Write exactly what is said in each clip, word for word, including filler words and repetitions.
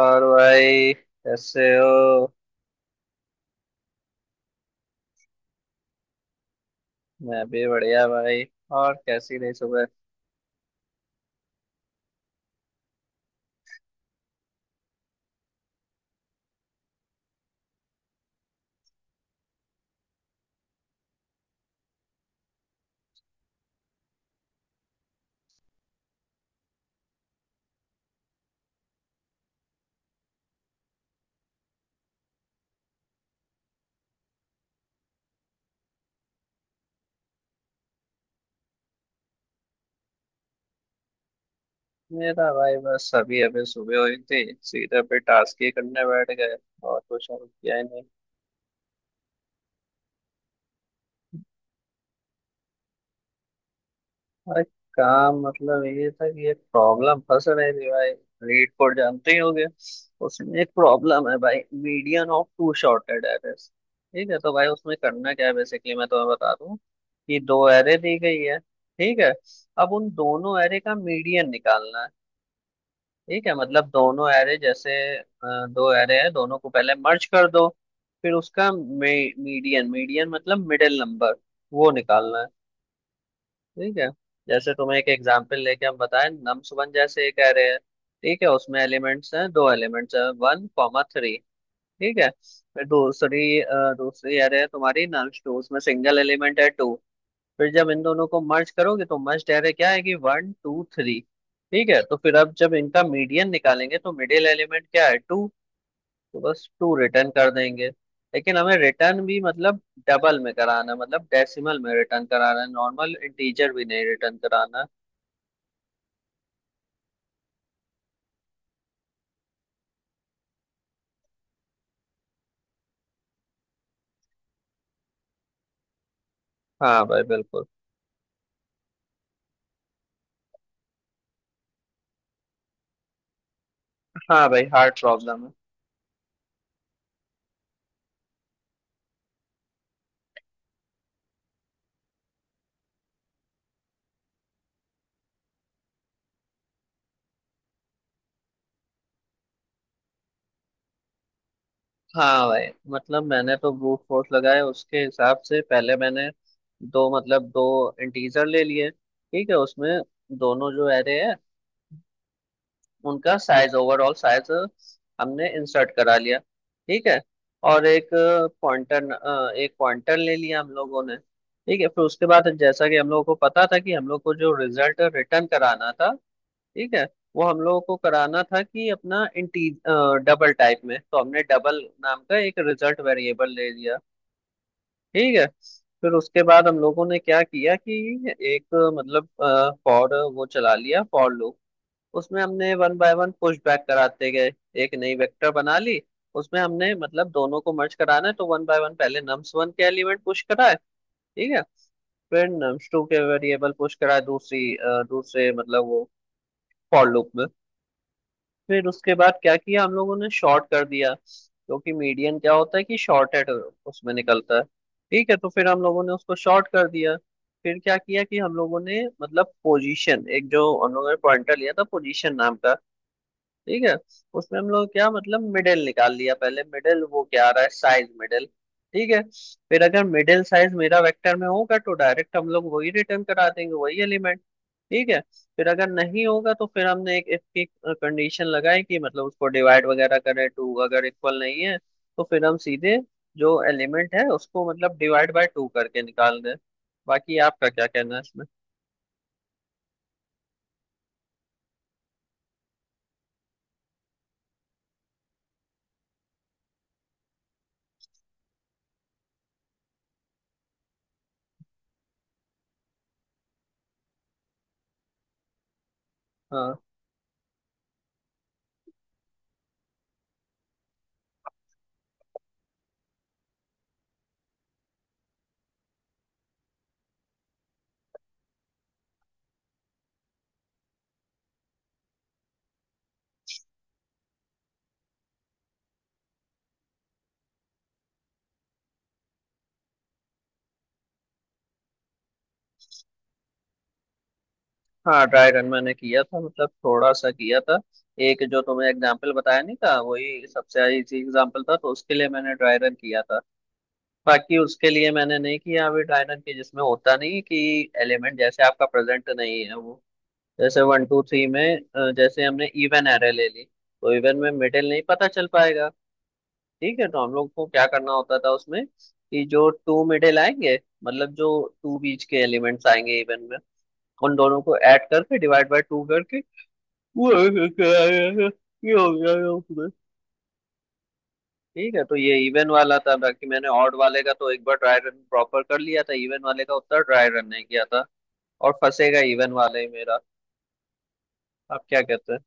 और भाई कैसे हो। मैं भी बढ़िया भाई। और कैसी रही सुबह? मेरा भाई बस अभी अभी सुबह हुई थी। सीधे पे टास्क ही करने बैठ गए। और कुछ और किया ही नहीं। भाई काम मतलब ये था कि एक प्रॉब्लम फंस रही थी भाई। लीड कोड जानते ही होगे। उसमें एक प्रॉब्लम है भाई, median of two sorted arrays. ठीक है, तो भाई उसमें करना क्या है बेसिकली, मैं तुम्हें बता दूं कि दो एरे दी गई है। ठीक है। अब उन दोनों एरे का मीडियन निकालना है। ठीक है, मतलब दोनों एरे जैसे अ, दो एरे हैं, दोनों को पहले मर्ज कर दो। फिर उसका मीडियन, मीडियन मतलब मिडिल नंबर, वो निकालना है। ठीक है। जैसे तुम्हें एक एग्जांपल लेके हम बताएं, नम्स वन जैसे एक एरे है, ठीक है, उसमें एलिमेंट्स हैं, दो एलिमेंट्स हैं, वन कॉमा थ्री। ठीक है। फिर दूसरी अ, दूसरी एरे है तुम्हारी नम्स टू, उसमें सिंगल एलिमेंट है टू। फिर जब इन दोनों को मर्ज करोगे तो मर्ज डायरे क्या है कि वन टू थ्री। ठीक है, तो फिर अब जब इनका मीडियन निकालेंगे तो मिडिल एलिमेंट क्या है, टू। तो बस टू रिटर्न कर देंगे। लेकिन हमें रिटर्न भी मतलब डबल में कराना है, मतलब डेसिमल में रिटर्न कराना है, नॉर्मल इंटीजर भी नहीं रिटर्न कराना है। हाँ भाई बिल्कुल। हाँ भाई हार्ड प्रॉब्लम है। हाँ भाई, मतलब मैंने तो ब्रूट फोर्स लगाया। उसके हिसाब से पहले मैंने दो मतलब दो इंटीजर ले लिए, ठीक है, उसमें दोनों जो एरे है उनका साइज, ओवरऑल साइज हमने इंसर्ट करा लिया। ठीक है। और एक पॉइंटर, एक पॉइंटर ले लिया हम लोगों ने। ठीक है। फिर उसके बाद जैसा कि हम लोगों को पता था कि हम लोग को जो रिजल्ट रिटर्न कराना था, ठीक है, वो हम लोगों को कराना था कि अपना इंटी डबल टाइप में, तो हमने डबल नाम का एक रिजल्ट वेरिएबल ले लिया। ठीक है। फिर उसके बाद हम लोगों ने क्या किया कि एक मतलब फॉर वो चला लिया, फॉर लूप। उसमें हमने one by one push back कराते गए। एक नई वेक्टर बना ली, उसमें हमने मतलब दोनों को मर्ज कराना है तो वन बाय वन पहले नम्स वन के एलिमेंट पुश कराए। ठीक है। फिर नम्स टू के वेरिएबल पुश कराए दूसरी अ, दूसरे मतलब वो फॉर लूप में। फिर उसके बाद क्या किया हम लोगों ने, शॉर्ट कर दिया, क्योंकि मीडियन क्या होता है कि शॉर्टेड उसमें निकलता है। ठीक है, तो फिर हम लोगों ने उसको शॉर्ट कर दिया। फिर क्या किया कि हम लोगों ने मतलब पोजीशन, एक जो हम लोगों ने पॉइंटर लिया था पोजीशन नाम का, ठीक है, उसमें हम लोग क्या मतलब मिडिल निकाल लिया पहले, मिडिल वो क्या आ रहा है साइज मिडिल। ठीक है। फिर अगर मिडिल साइज मेरा वेक्टर में होगा तो डायरेक्ट हम लोग वही रिटर्न करा देंगे, वही एलिमेंट। ठीक है। फिर अगर नहीं होगा तो फिर हमने एक इसकी कंडीशन लगाई कि मतलब उसको डिवाइड वगैरह करें टू, अगर इक्वल नहीं है तो फिर हम सीधे जो एलिमेंट है उसको मतलब डिवाइड बाय टू करके निकाल दें। बाकी आपका क्या कहना है इसमें? हाँ। हाँ, ड्राई रन मैंने किया था, मतलब थोड़ा सा किया था। एक जो तुम्हें एग्जाम्पल बताया नहीं था वही सबसे इजी एग्जाम्पल था, तो उसके लिए मैंने ड्राई रन किया था। बाकी उसके लिए मैंने नहीं किया अभी ड्राई रन की, जिसमें होता नहीं है कि एलिमेंट जैसे आपका प्रेजेंट नहीं है वो, जैसे वन टू थ्री में अ, जैसे हमने इवन एरे ले ली तो इवन में मिडिल नहीं पता चल पाएगा। ठीक है, तो हम लोग को क्या करना होता था उसमें कि जो टू मिडिल आएंगे, मतलब जो टू बीच के एलिमेंट्स आएंगे इवन में, उन दोनों को ऐड करके डिवाइड बाय टू करके वो ऐसे क्या है? ये हो गया है उसमें। ठीक है, तो ये इवन वाला था। बाकी मैंने ऑड वाले का तो एक बार ट्राई रन प्रॉपर कर लिया था, इवन वाले का उतना ट्राई रन नहीं किया था और फंसेगा इवन वाले ही मेरा। आप क्या कहते हो?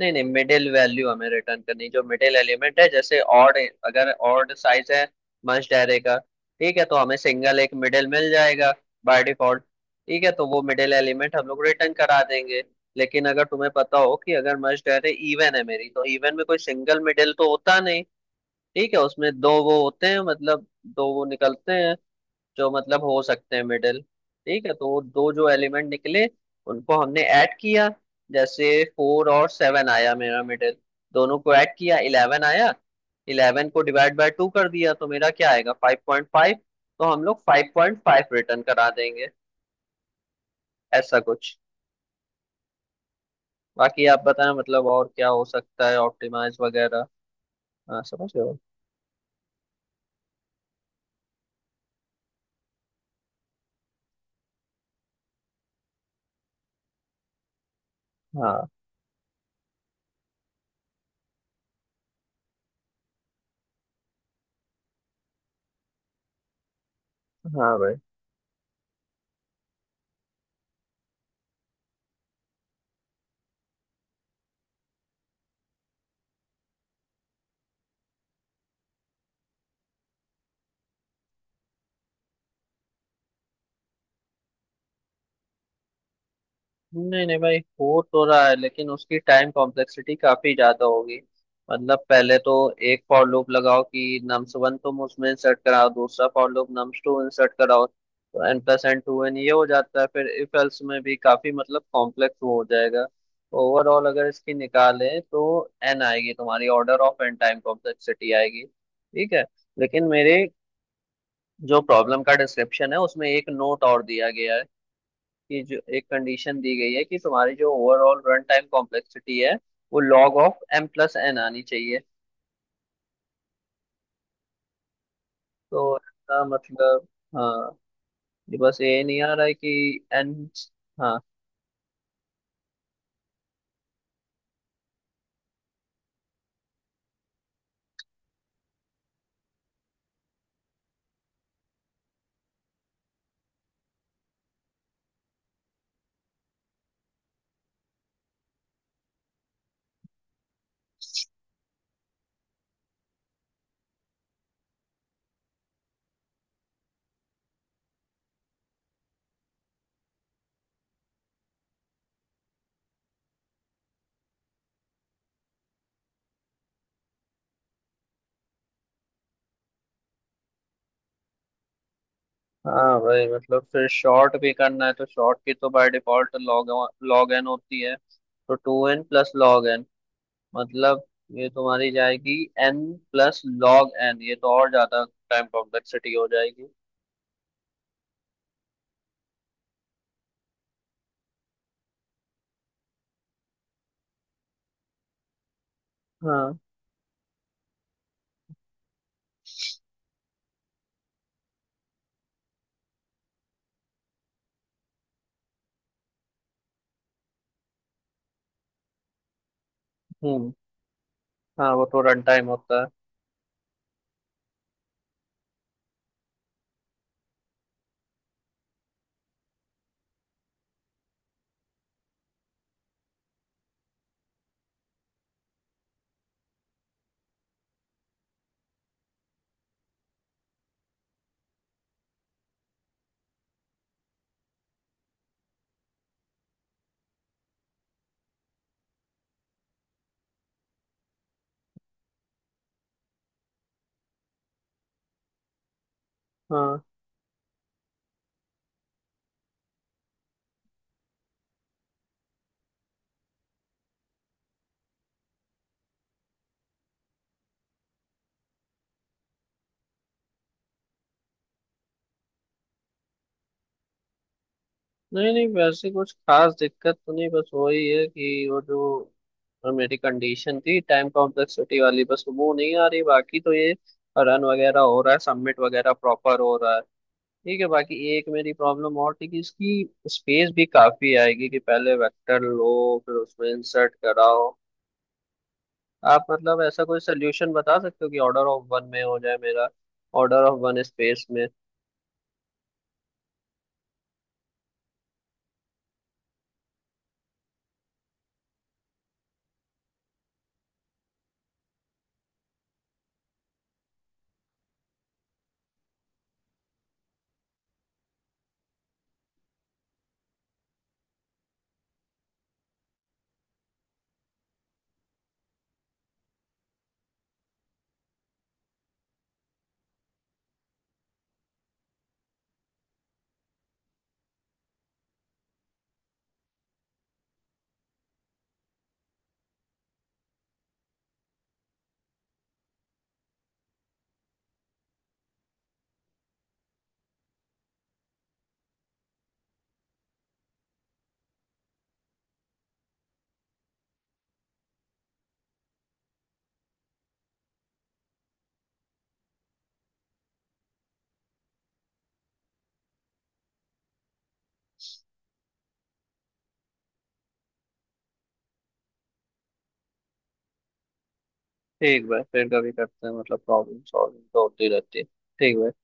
नहीं नहीं, मिडिल वैल्यू हमें रिटर्न करनी, जो मिडिल एलिमेंट है जैसे ऑड, अगर ऑड साइज है मस्ट ऐरे का, ठीक है, तो हमें सिंगल एक मिडिल मिल जाएगा बाय डिफॉल्ट। ठीक है, तो वो मिडिल एलिमेंट हम लोग रिटर्न करा देंगे। लेकिन अगर तुम्हें पता हो कि अगर मस्ट ऐरे इवन है मेरी, तो इवन में कोई सिंगल मिडिल तो होता नहीं। ठीक है, उसमें दो वो होते हैं, मतलब दो वो निकलते हैं जो मतलब हो सकते हैं मिडिल। ठीक है, तो वो दो जो एलिमेंट निकले उनको हमने ऐड किया। जैसे फोर और सेवन आया मेरा मिडिल, दोनों को ऐड किया इलेवन आया, इलेवन को डिवाइड बाय टू कर दिया तो मेरा क्या आएगा, फाइव पॉइंट फाइव। तो हम लोग फाइव पॉइंट फाइव रिटर्न करा देंगे, ऐसा कुछ। बाकी आप बताएं मतलब और क्या हो सकता है, ऑप्टिमाइज वगैरह? हाँ समझ रहे हो। हाँ। हाँ भाई। नहीं नहीं भाई, हो तो रहा है लेकिन उसकी टाइम कॉम्प्लेक्सिटी काफी ज्यादा होगी। मतलब पहले तो एक फॉर लूप लगाओ कि नम्स वन तुम उसमें इंसर्ट कराओ, दूसरा for loop nums two insert कराओ, तो N plus N to N ये हो जाता है। फिर इफ एल्स में भी काफी मतलब कॉम्प्लेक्स वो हो जाएगा। ओवरऑल अगर इसकी निकालें तो एन आएगी तुम्हारी, order of N time complexity आएगी। ठीक है। लेकिन मेरे जो प्रॉब्लम का डिस्क्रिप्शन है उसमें एक नोट और दिया गया है कि जो एक कंडीशन दी गई है कि तुम्हारी जो ओवरऑल रन टाइम कॉम्प्लेक्सिटी है वो log of M plus N आनी चाहिए। तो इसका मतलब हाँ, ये बस ये नहीं आ रहा है कि एन। हाँ। हाँ भाई, मतलब फिर शॉर्ट भी करना है, तो शॉर्ट की तो by default log, log N होती है, तो two N plus log N, मतलब ये तुम्हारी जाएगी एन प्लस लॉग एन, ये तो और ज्यादा टाइम कॉम्प्लेक्सिटी हो जाएगी। हाँ। हम्म। हाँ वो तो रन टाइम होता है। हाँ। नहीं नहीं, वैसे कुछ खास दिक्कत तो नहीं, बस वही है कि वो जो मेरी कंडीशन थी टाइम कॉम्प्लेक्सिटी वाली, बस वो नहीं आ रही। बाकी तो ये रन वगैरह हो रहा है, सबमिट वगैरह प्रॉपर हो रहा है। ठीक है। बाकी एक मेरी प्रॉब्लम और थी कि इसकी स्पेस भी काफी आएगी कि पहले वेक्टर लो फिर उसमें इंसर्ट कराओ। आप मतलब ऐसा कोई सोल्यूशन बता सकते हो कि ऑर्डर ऑफ वन में हो जाए मेरा, ऑर्डर ऑफ वन स्पेस में? ठीक भाई, फिर कभी करते हैं, मतलब प्रॉब्लम सॉल्विंग तो होती रहती है। ठीक भाई।